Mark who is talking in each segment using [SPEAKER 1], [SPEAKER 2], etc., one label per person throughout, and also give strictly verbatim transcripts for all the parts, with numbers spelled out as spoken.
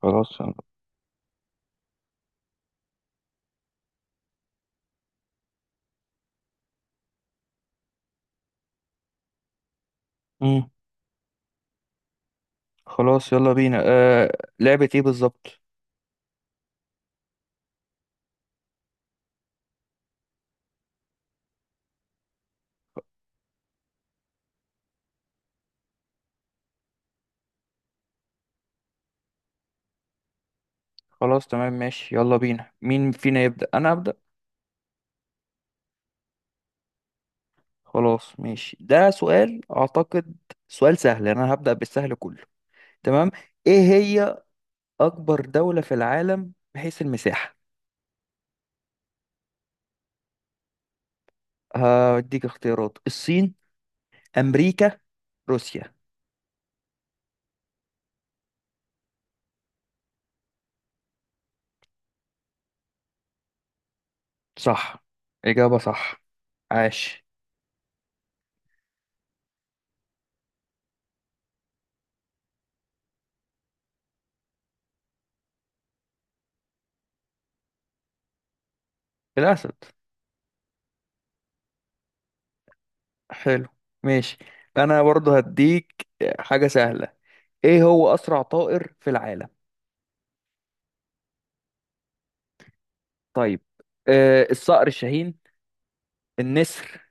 [SPEAKER 1] خلاص. امم خلاص، يلا بينا. آه لعبة ايه بالظبط؟ خلاص، تمام، ماشي، يلا بينا. مين فينا يبدأ؟ انا أبدأ. خلاص ماشي، ده سؤال اعتقد. سؤال سهل، انا هبدأ بالسهل كله. تمام. ايه هي اكبر دولة في العالم من حيث المساحة؟ هديك اختيارات: الصين، امريكا، روسيا. صح، اجابة صح. عاش. الاسد. حلو، ماشي. انا برضه هديك حاجة سهلة. ايه هو اسرع طائر في العالم؟ طيب، آه الصقر الشاهين، النسر،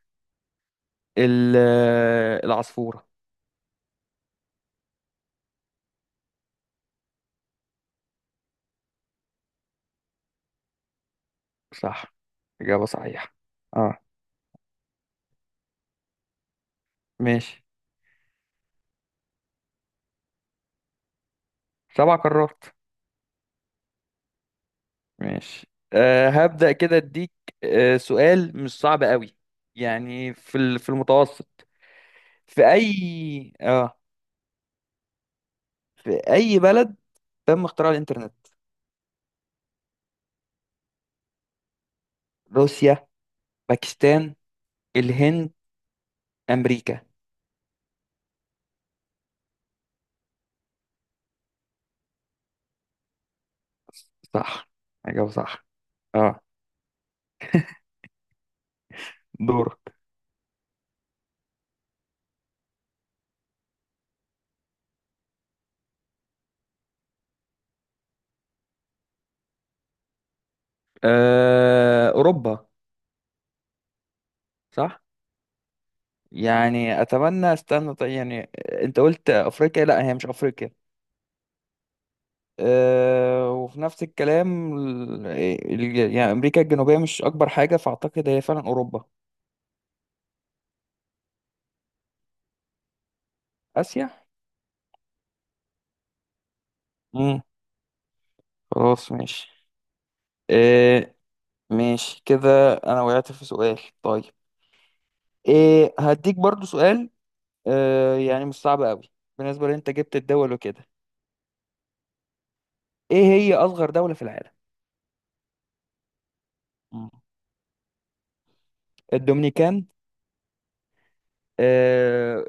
[SPEAKER 1] ال- آه، العصفورة. صح، إجابة صحيحة. اه، ماشي. سبع قارات. ماشي. آه هبدأ كده اديك آه سؤال مش صعب قوي. يعني في ال- في المتوسط، في اي اه في اي بلد تم اختراع الانترنت؟ روسيا، باكستان، الهند، امريكا. صح، إجابة صح. اه، دورك. آه، أوروبا. صح. مم. يعني أتمنى، استنى طيب، يعني آه، أنت قلت أفريقيا، لا هي مش أفريقيا. أه وفي نفس الكلام ال- آه، ال- يعني أمريكا الجنوبية مش أكبر حاجة، فأعتقد هي فعلا أوروبا. آسيا. مم. خلاص ماشي. أه ماشي، كده أنا وقعت في سؤال طيب. إيه؟ هديك برضو سؤال. أه، يعني مش صعب قوي بالنسبة لأن أنت جبت الدول وكده. إيه هي أصغر دولة في العالم؟ مم. الدومينيكان، آه،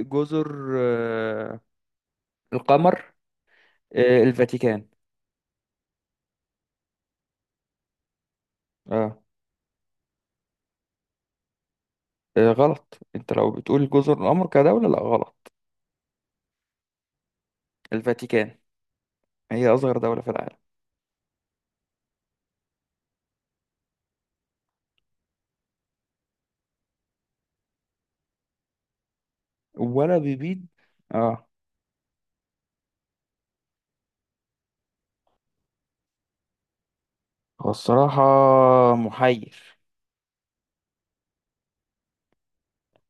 [SPEAKER 1] جزر آه، القمر، آه، الفاتيكان. اه. آه، غلط. انت لو بتقول جزر القمر كدولة، لا غلط. الفاتيكان هي أصغر دولة في العالم. ولا بيبيض. اه. هو الصراحة محير.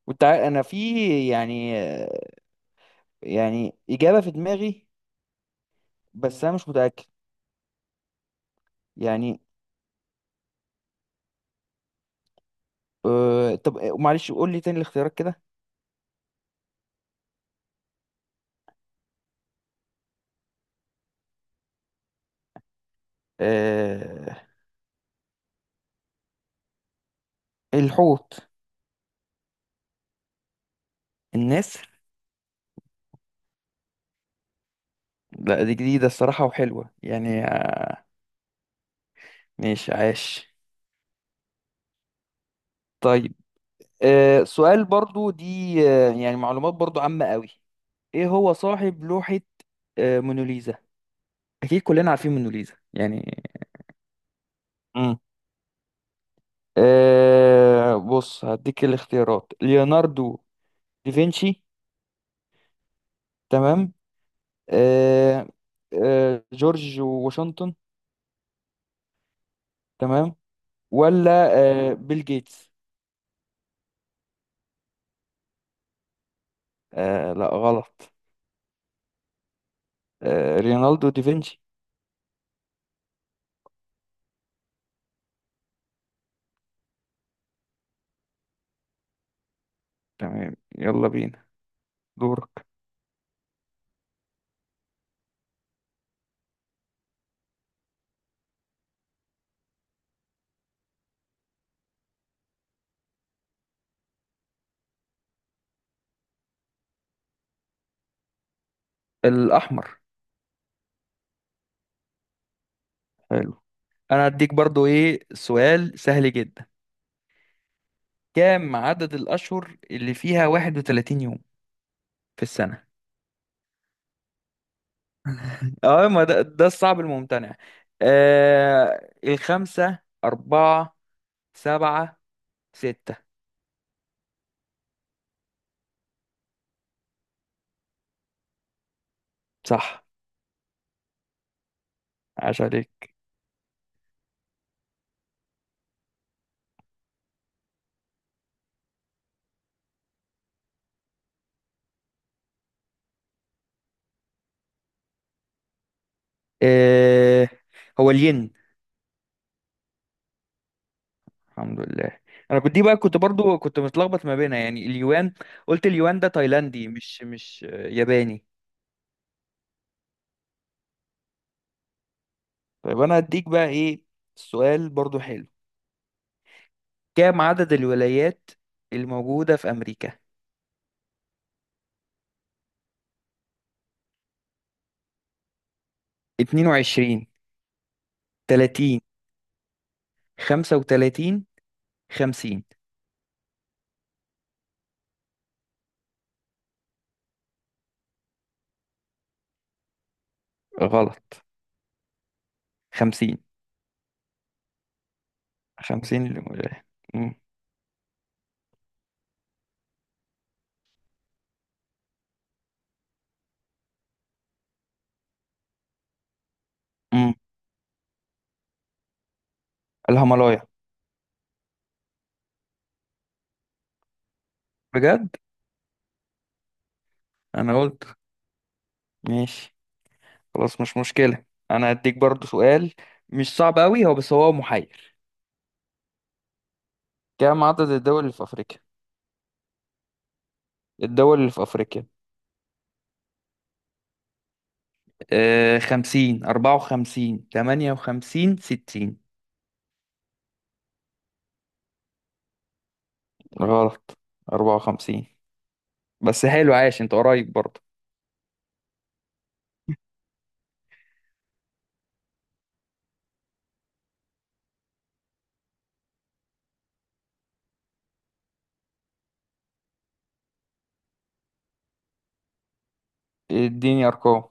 [SPEAKER 1] وانت عارف انا في، يعني آه، يعني إجابة في دماغي، بس انا مش متأكد. يعني آه طب آه، معلش، قول لي تاني الاختيارات كده. آه الحوت، النسر. لا، دي جديدة الصراحة وحلوة، يعني آه، ماشي، عاش. طيب، آه سؤال برضو دي، آه يعني معلومات برضو عامة قوي. ايه هو صاحب لوحة آه موناليزا؟ اكيد كلنا عارفين موناليزا يعني. امم آه بص، هديك الاختيارات: ليوناردو دافنشي، تمام. آه آه جورج واشنطن، تمام. ولا آه بيل جيتس. آه لا، غلط. آه رينالدو دافنشي. تمام، يلا بينا، دورك. الأحمر. حلو. انا هديك برضو ايه، سؤال سهل جدا. كام عدد الاشهر اللي فيها 31 يوم في السنة؟ اه، ما ده, ده, الصعب الممتنع. آه الخمسة، أربعة، سبعة، ستة. صح، عاش عليك. آه هو الين. الحمد لله. أنا كنت دي بقى كنت برضو كنت متلخبط ما بينها، يعني اليوان. قلت اليوان ده تايلاندي، مش مش آه، ياباني. طيب أنا هديك بقى إيه، سؤال برضو حلو. كام عدد الولايات الموجودة في أمريكا؟ اثنين وعشرين، ثلاثين، خمسة وثلاثين، خمسين. غلط. خمسين. خمسين الولاية. مم. مم. الهيمالايا. بجد. أنا قلت ماشي، خلاص مش مشكلة. أنا هديك برضو سؤال مش صعب أوي هو، بس هو محير. كام عدد الدول اللي في أفريقيا؟ الدول اللي في أفريقيا. آه خمسين، أربعة وخمسين، ثمانية وخمسين، ستين. غلط. أربعة وخمسين. بس حلو، عاش، انت قريب برضه. اديني ارقام.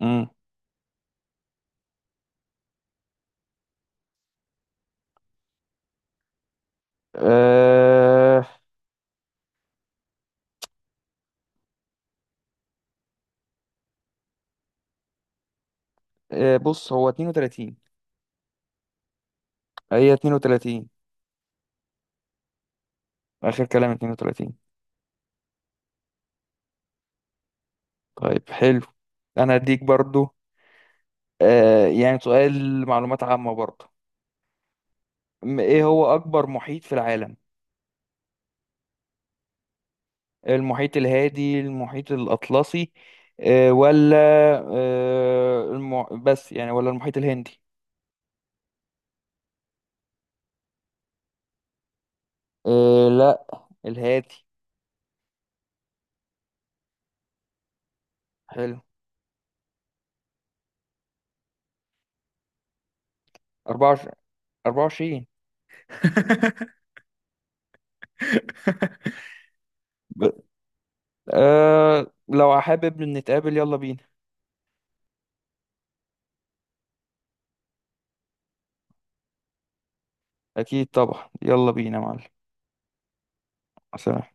[SPEAKER 1] امم أه، أه بص، هو اثنين وثلاثين. هي اثنين وثلاثين، اخر كلام اثنين وثلاثين. طيب حلو. انا هديك برضو، أه يعني سؤال معلومات عامة برضو. م- ايه هو اكبر محيط في العالم؟ المحيط الهادي، المحيط الاطلسي، أه ولا أه الم... بس يعني، ولا المحيط الهندي. أه لا، الهادي. حلو. أربعة وعشرين. أربعة وعشرين. ب... أه لو حابب نتقابل يلا بينا. اكيد طبعا، يلا بينا يا معلم. سلام.